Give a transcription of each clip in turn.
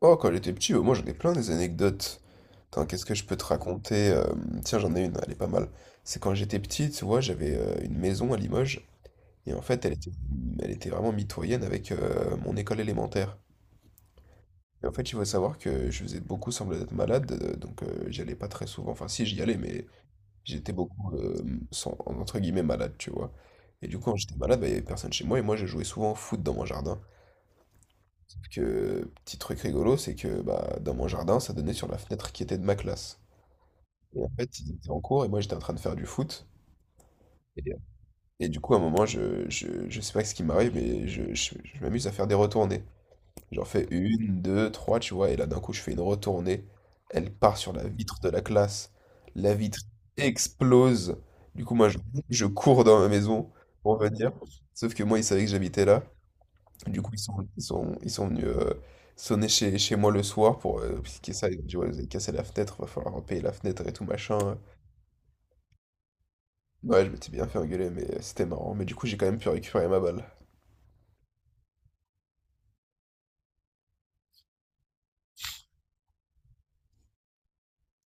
Oh, quand j'étais petit, moi j'en ai plein des anecdotes. Attends, qu'est-ce que je peux te raconter? Tiens, j'en ai une, elle est pas mal. C'est quand j'étais petit, tu vois, j'avais une maison à Limoges, et en fait, elle était vraiment mitoyenne avec mon école élémentaire. Et en fait, il faut savoir que je faisais beaucoup semblant d'être malade, donc j'y allais pas très souvent. Enfin, si, j'y allais, mais j'étais beaucoup, entre guillemets, malade, tu vois. Et du coup, quand j'étais malade, bah, il y avait personne chez moi, et moi, je jouais souvent au foot dans mon jardin. Que petit truc rigolo, c'est que bah, dans mon jardin, ça donnait sur la fenêtre qui était de ma classe. Et en fait, ils étaient en cours et moi j'étais en train de faire du foot. Et du coup, à un moment, je sais pas ce qui m'arrive, mais je m'amuse à faire des retournées. J'en fais une, deux, trois, tu vois, et là d'un coup, je fais une retournée. Elle part sur la vitre de la classe. La vitre explose. Du coup, moi, je cours dans ma maison pour venir. Sauf que moi, ils savaient que j'habitais là. Du coup, ils sont venus sonner chez moi le soir pour expliquer ça. Ils ont dit, ouais, vous avez cassé la fenêtre, va falloir payer la fenêtre et tout machin. Ouais, je m'étais bien fait engueuler, mais c'était marrant. Mais du coup, j'ai quand même pu récupérer ma balle.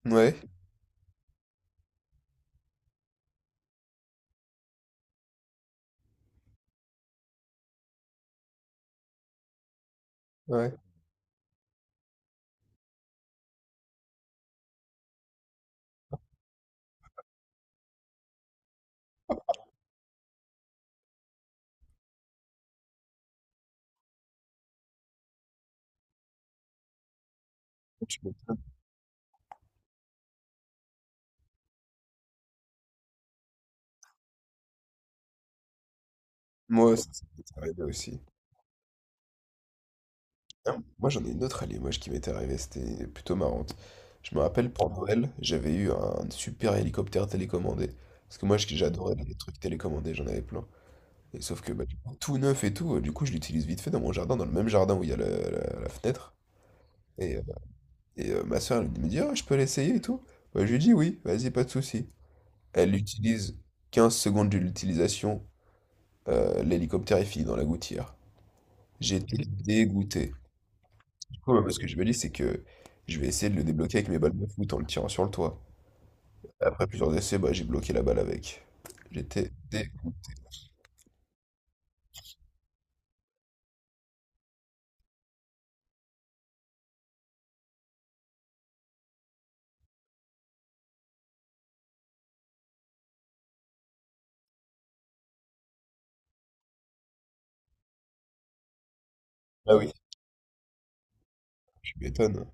Ouais, ouais. Tu m'étonnes. Moi, ça m'était arrivé aussi. Ah, moi, j'en ai une autre à Limoges qui m'était arrivée, c'était plutôt marrante. Je me rappelle, pour Noël, j'avais eu un super hélicoptère télécommandé. Parce que moi, j'adorais les trucs télécommandés, j'en avais plein. Et sauf que bah, du coup, tout neuf et tout, du coup, je l'utilise vite fait dans mon jardin, dans le même jardin où il y a la fenêtre. Et, euh, et ma soeur, elle me dit, ah, je peux l'essayer et tout. Bah, je lui dis, oui, vas-y, pas de souci. Elle l'utilise 15 secondes de l'utilisation, l'hélicoptère est fini dans la gouttière. J'étais dégoûté. Du coup, bah, ce que je me dis, c'est que je vais essayer de le débloquer avec mes balles de foot en le tirant sur le toit. Après plusieurs essais, bah, j'ai bloqué la balle avec. J'étais dé... Ah oui, je m'étonne.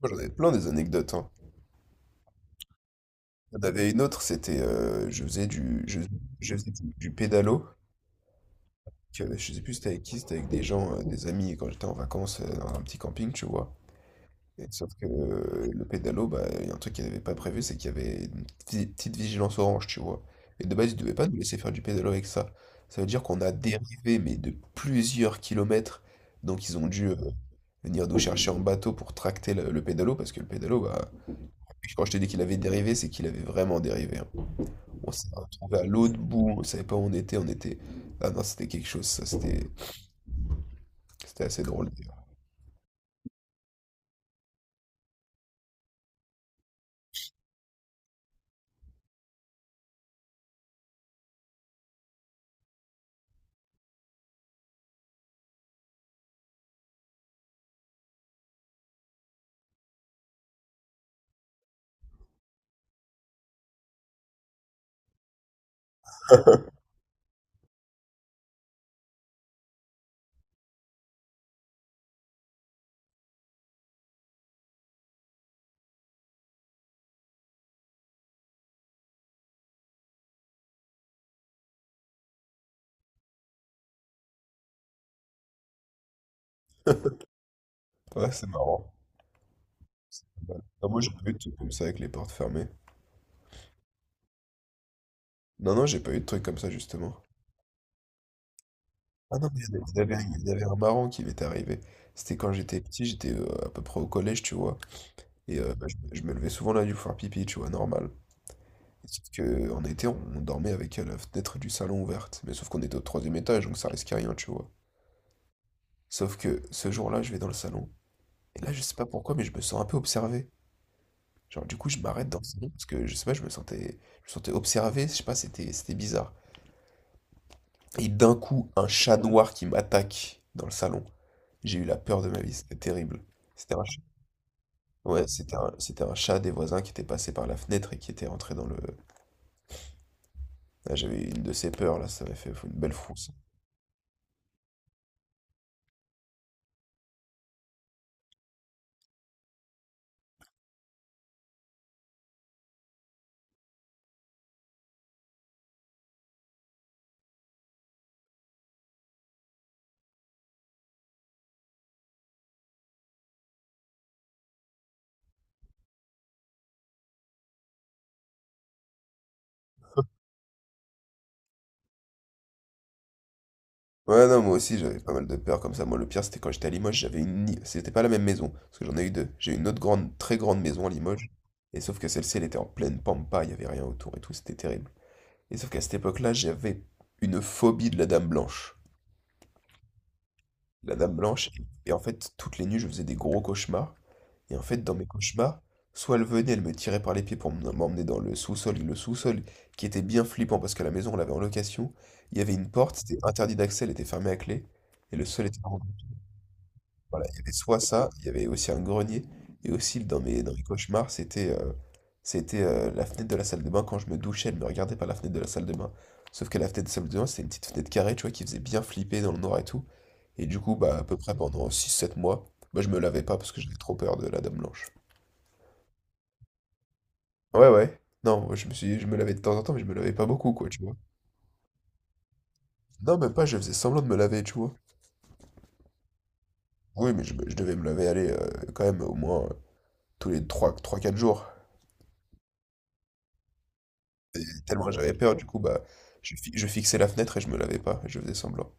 Moi, j'en ai plein des anecdotes, hein. J'en avait une autre, c'était, je faisais du pédalo. Que bah, je sais plus c'était avec qui, c'était avec des gens, des amis, quand j'étais en vacances dans un petit camping, tu vois. Et sauf que le pédalo, bah, il y a un truc qu'ils n'avaient pas prévu, c'est qu'il y avait une petite, petite vigilance orange, tu vois. Et de base, ils ne devaient pas nous laisser faire du pédalo avec ça. Ça veut dire qu'on a dérivé, mais de plusieurs kilomètres. Donc ils ont dû venir nous chercher en bateau pour tracter le pédalo, parce que le pédalo, bah, quand je te dis qu'il avait dérivé, c'est qu'il avait vraiment dérivé, hein. On s'est retrouvé à l'autre bout, on savait pas où on était, on était. Ah non, c'était quelque chose, ça, c'était assez drôle d'ailleurs. Ouais, c'est marrant. Voilà. Ah, moi, j'ai pas eu de trucs comme ça avec les portes fermées. Non, non, j'ai pas eu de trucs comme ça justement. Ah non, mais il y en avait, il y en avait un marrant qui m'était arrivé. C'était quand j'étais petit, j'étais à peu près au collège, tu vois. Et bah, je me levais souvent la nuit pour faire pipi, tu vois, normal. Sauf que, en été, on dormait avec la fenêtre du salon ouverte. Mais sauf qu'on était au troisième étage, donc ça risquait rien, tu vois. Sauf que ce jour-là, je vais dans le salon. Et là, je sais pas pourquoi, mais je me sens un peu observé. Genre, du coup, je m'arrête dans le salon parce que je sais pas, je me sentais observé. Je sais pas, c'était bizarre. Et d'un coup, un chat noir qui m'attaque dans le salon. J'ai eu la peur de ma vie. C'était terrible. C'était un chat. Ouais, c'était un chat des voisins qui était passé par la fenêtre et qui était rentré dans le. Là, j'avais une de ces peurs là. Ça m'a fait une belle frousse. Ouais, non, moi aussi, j'avais pas mal de peur comme ça. Moi, le pire, c'était quand j'étais à Limoges, j'avais une. C'était pas la même maison, parce que j'en ai eu deux. J'ai eu une autre grande, très grande maison à Limoges, et sauf que celle-ci, elle était en pleine pampa, il y avait rien autour et tout, c'était terrible. Et sauf qu'à cette époque-là, j'avais une phobie de la Dame Blanche. La Dame Blanche, et en fait, toutes les nuits, je faisais des gros cauchemars, et en fait, dans mes cauchemars, soit elle venait, elle me tirait par les pieds pour m'emmener dans le sous-sol, et le sous-sol, qui était bien flippant, parce que la maison, on l'avait en location, il y avait une porte, c'était interdit d'accès, elle était fermée à clé, et le sol était. Voilà, il y avait soit ça, il y avait aussi un grenier, et aussi dans mes cauchemars, c'était la fenêtre de la salle de bain. Quand je me douchais, elle me regardait par la fenêtre de la salle de bain. Sauf que la fenêtre de la salle de bain, c'était une petite fenêtre carrée, tu vois, qui faisait bien flipper dans le noir et tout. Et du coup, bah, à peu près pendant 6-7 mois, bah, je me lavais pas parce que j'avais trop peur de la Dame Blanche. Ouais, ouais. Non, moi, je me lavais de temps en temps, mais je me lavais pas beaucoup, quoi, tu vois. Non, même pas, je faisais semblant de me laver, tu vois. Oui, mais je devais me laver, aller quand même au moins tous les 3-4 jours. Et tellement j'avais peur, du coup, bah, je fixais la fenêtre et je me lavais pas, et je faisais semblant.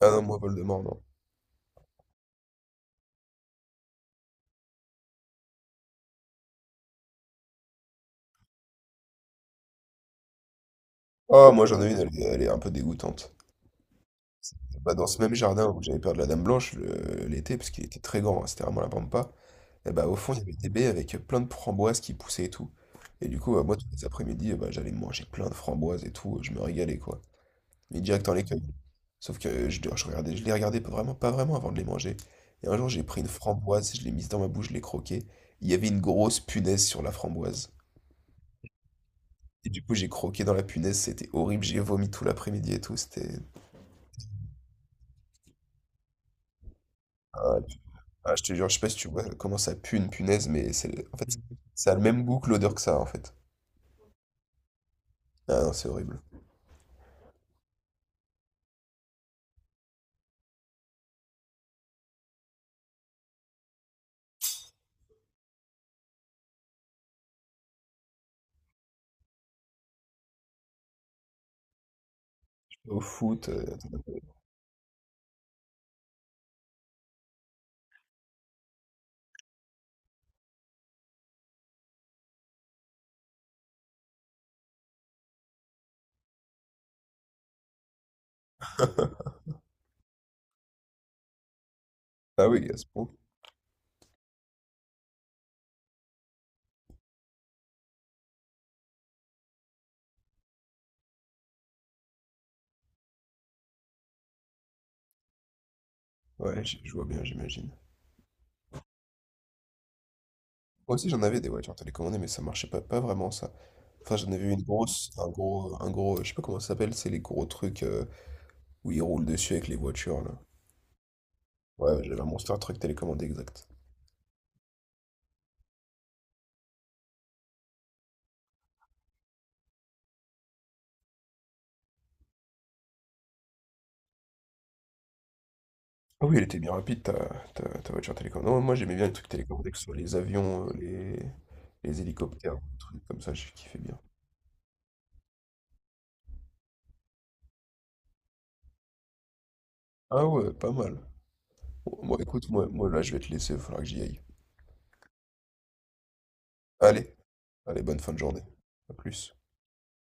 Ah non, moi, Voldemort, non. Ah, moi, j'en ai une, elle est un peu dégoûtante. Bah, dans ce même jardin où j'avais peur de la Dame Blanche l'été, parce qu'il était très grand, hein, c'était vraiment la pampa, et bah, au fond, il y avait des baies avec plein de framboises qui poussaient et tout. Et du coup, bah, moi, tous les après-midi, bah, j'allais manger plein de framboises et tout, je me régalais, quoi. Mais direct dans l'écueil. Sauf que je les regardais pas vraiment avant de les manger. Et un jour, j'ai pris une framboise, je l'ai mise dans ma bouche, je l'ai croquée. Il y avait une grosse punaise sur la framboise. Et du coup, j'ai croqué dans la punaise, c'était horrible, j'ai vomi tout l'après-midi et tout. C'était. Ah, je te jure, je sais pas si tu vois comment ça pue une punaise, mais c'est en fait, ça a le même goût que l'odeur que ça, en fait. Ah non, c'est horrible. Au foot. Ah oui, à ce point. Ouais, je vois bien, j'imagine. Moi aussi j'en avais des voitures télécommandées, mais ça marchait pas, pas vraiment ça. Enfin j'en avais une grosse, un gros, je sais pas comment ça s'appelle, c'est les gros trucs où ils roulent dessus avec les voitures là. Ouais, j'avais un Monster Truck télécommandé exact. Ah oui, elle était bien rapide ta, voiture télécommandée. Non, moi j'aimais bien les trucs télécommandés, que ce soit les avions, les hélicoptères, des trucs comme ça, j'ai kiffé bien. Ah ouais, pas mal. Bon, moi écoute, moi là je vais te laisser, il va falloir que j'y aille. Allez, allez, bonne fin de journée. À plus.